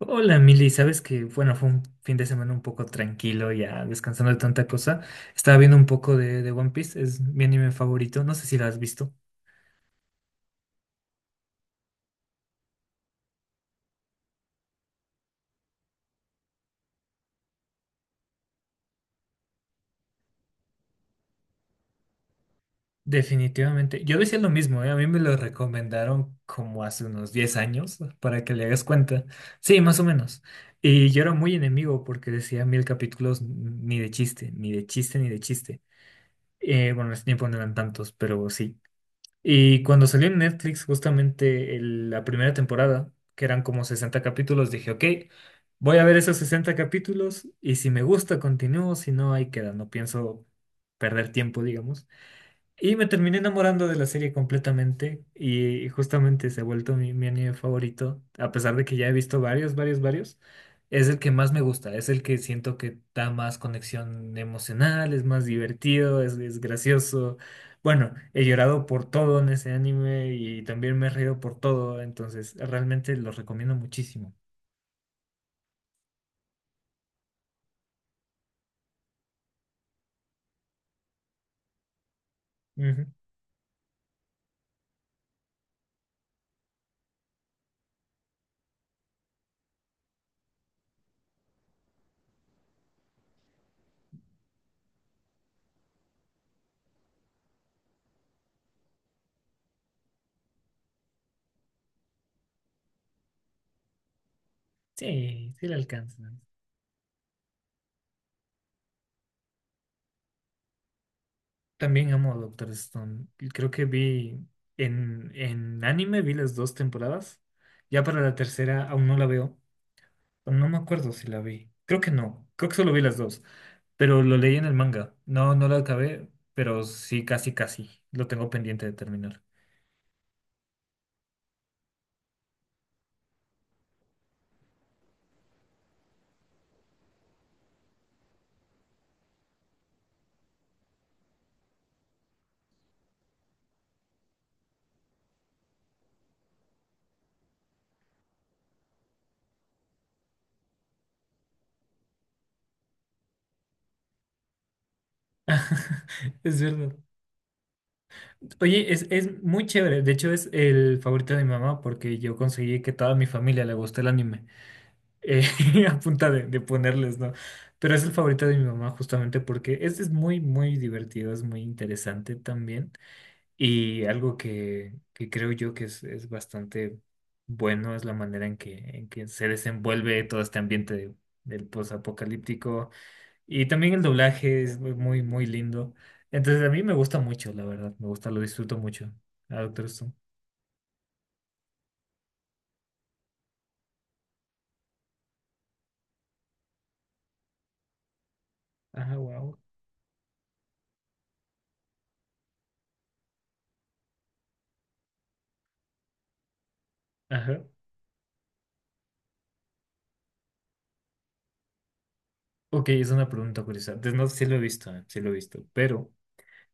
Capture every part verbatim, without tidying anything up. Hola, Mili, sabes que, bueno, fue un fin de semana un poco tranquilo, ya descansando de tanta cosa. Estaba viendo un poco de, de One Piece, es mi anime favorito, no sé si lo has visto. Definitivamente, yo decía lo mismo, ¿eh? A mí me lo recomendaron como hace unos diez años, para que le hagas cuenta. Sí, más o menos. Y yo era muy enemigo porque decía mil capítulos, ni de chiste, ni de chiste, ni de chiste. Eh, bueno, en ese tiempo no eran tantos, pero sí. Y cuando salió en Netflix justamente el- la primera temporada, que eran como sesenta capítulos, dije, ok, voy a ver esos sesenta capítulos y si me gusta continúo, si no, ahí queda, no pienso perder tiempo, digamos. Y me terminé enamorando de la serie completamente y justamente se ha vuelto mi, mi anime favorito, a pesar de que ya he visto varios, varios, varios. Es el que más me gusta, es el que siento que da más conexión emocional, es más divertido, es, es gracioso. Bueno, he llorado por todo en ese anime y también me he reído por todo, entonces realmente lo recomiendo muchísimo. Ujú. Sí, sí le alcanza. También amo a Doctor Stone. Y creo que vi en, en anime, vi las dos temporadas. Ya para la tercera aún no la veo. Aún no me acuerdo si la vi. Creo que no. Creo que solo vi las dos. Pero lo leí en el manga. No, no lo acabé, pero sí, casi, casi. Lo tengo pendiente de terminar. Es verdad. Oye, es, es muy chévere. De hecho, es el favorito de mi mamá porque yo conseguí que toda mi familia le guste el anime. eh, a punta de, de ponerles, ¿no? Pero es el favorito de mi mamá justamente porque este es muy, muy divertido, es muy interesante también. Y algo que, que creo yo que es, es bastante bueno es la manera en que, en que se desenvuelve todo este ambiente de- del posapocalíptico. Y también el doblaje es muy, muy muy lindo. Entonces a mí me gusta mucho, la verdad, me gusta, lo disfruto mucho. Ah, Doctor Stone. Ajá, wow. Ajá. Ok, es una pregunta curiosa. Entonces, no, sí lo he visto, eh, sí lo he visto, pero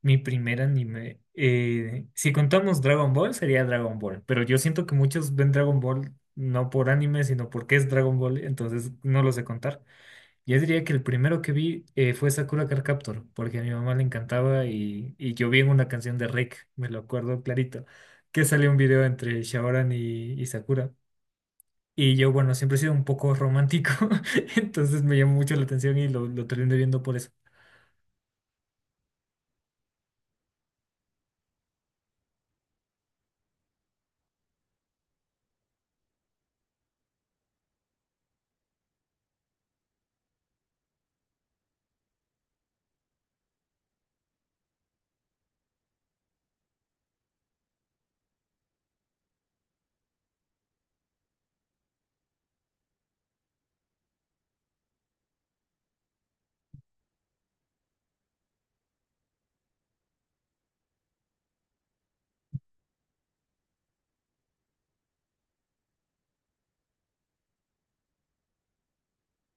mi primer anime, eh, si contamos Dragon Ball, sería Dragon Ball. Pero yo siento que muchos ven Dragon Ball no por anime, sino porque es Dragon Ball, entonces no lo sé contar. Yo diría que el primero que vi, eh, fue Sakura Card Captor, porque a mi mamá le encantaba y, y yo vi en una canción de Rick, me lo acuerdo clarito, que salió un video entre Shaoran y, y Sakura. Y yo, bueno, siempre he sido un poco romántico, entonces me llamó mucho la atención y lo, lo terminé viendo por eso,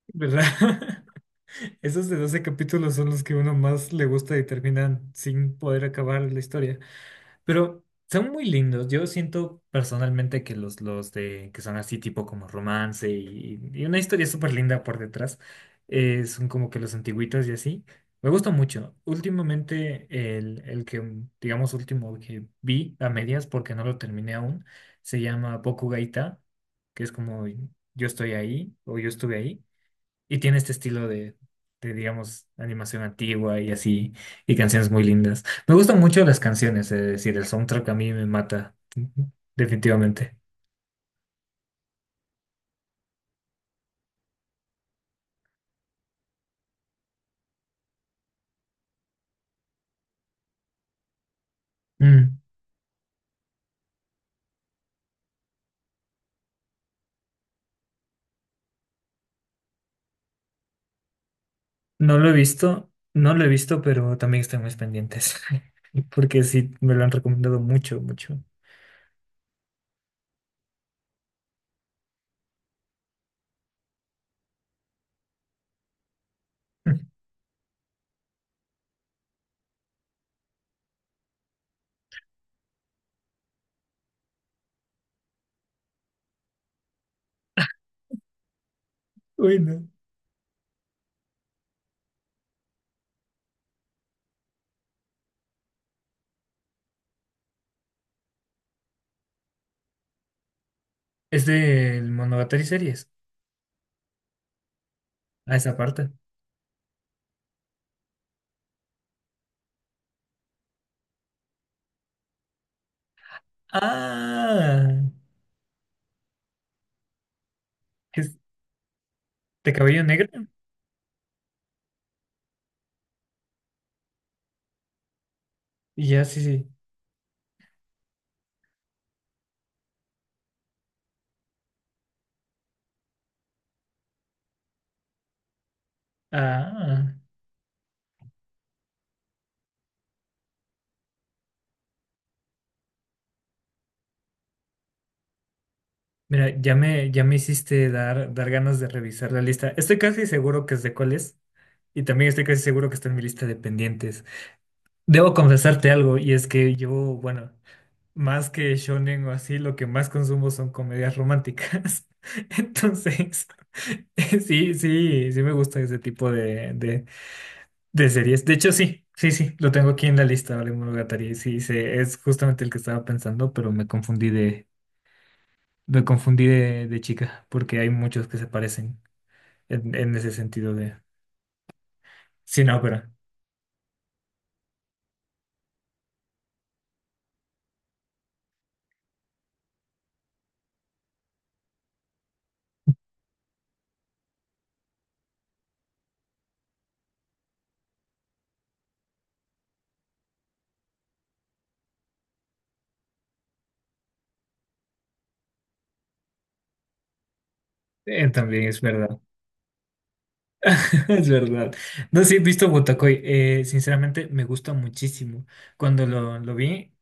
¿verdad? Esos de doce capítulos son los que uno más le gusta y terminan sin poder acabar la historia. Pero son muy lindos. Yo siento personalmente que los, los de que son así tipo como romance y, y una historia súper linda por detrás, eh, son como que los antiguitos y así. Me gusta mucho. Últimamente el, el que, digamos, último que vi a medias porque no lo terminé aún, se llama Gaita, que es como Yo estoy ahí o Yo estuve ahí. Y tiene este estilo de, de, digamos, animación antigua y así, y canciones muy lindas. Me gustan mucho las canciones, es decir, el soundtrack a mí me mata, definitivamente. Mm, No lo he visto, no lo he visto, pero también están mis pendientes, porque sí, me lo han recomendado mucho, mucho. Bueno. Es del Monogatari series, a esa parte. Ah, es de cabello negro. Ya, sí, sí. Ah. Mira, ya me, ya me hiciste dar, dar ganas de revisar la lista. Estoy casi seguro que sé cuál es y también estoy casi seguro que está en mi lista de pendientes. Debo confesarte algo y es que yo, bueno, más que shonen o así, lo que más consumo son comedias románticas. Entonces, sí, sí, sí me gusta ese tipo de, de, de series. De hecho, sí, sí, sí, lo tengo aquí en la lista, Vale Monogatari. Sí, sí, es justamente el que estaba pensando, pero me confundí me confundí de, de chica, porque hay muchos que se parecen en, en ese sentido de sin ópera. Eh, también es verdad, es verdad. No sí he visto Botacoy, eh, sinceramente me gusta muchísimo. Cuando lo, lo vi,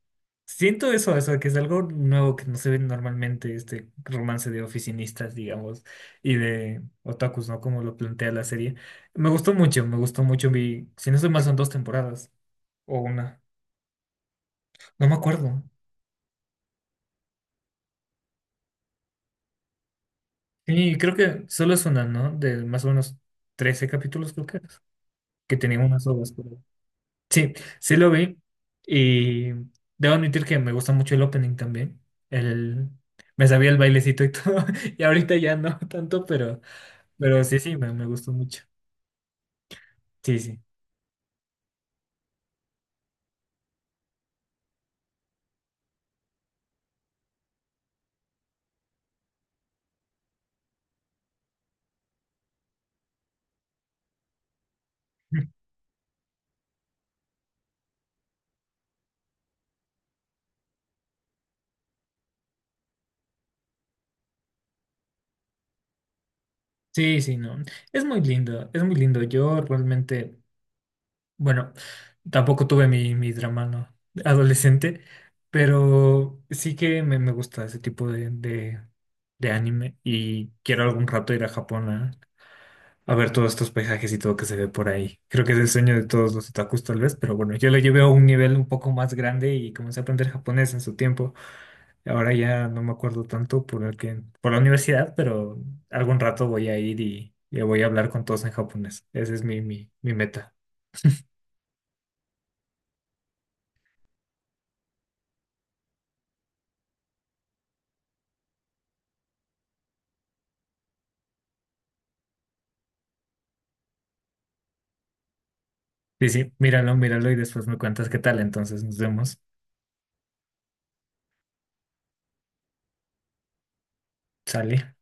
siento eso, eso, que es algo nuevo que no se ve normalmente, este romance de oficinistas, digamos, y de otakus, ¿no? Como lo plantea la serie. Me gustó mucho, me gustó mucho. Vi, si no estoy mal, son dos temporadas o una, no me acuerdo. Sí, creo que solo es una, ¿no? De más o menos trece capítulos, creo que es, que tenía unas obras por ahí. Sí, sí lo vi y debo admitir que me gusta mucho el opening también. El, Me sabía el bailecito y todo, y ahorita ya no tanto, pero, pero sí, sí, me, me gustó mucho. Sí, sí. Sí, sí, no. Es muy lindo, es muy lindo. Yo realmente... Bueno, tampoco tuve mi, mi drama, ¿no? Adolescente, pero sí que me, me gusta ese tipo de, de, de anime y quiero algún rato ir a Japón a, a ver todos estos paisajes y todo que se ve por ahí. Creo que es el sueño de todos los otakus tal vez, pero bueno, yo lo llevé a un nivel un poco más grande y comencé a aprender japonés en su tiempo. Ahora ya no me acuerdo tanto por el que, por la universidad, pero algún rato voy a ir y, y voy a hablar con todos en japonés. Ese es mi, mi, mi meta. Sí, sí, míralo, míralo y después me cuentas qué tal. Entonces nos vemos. Sale.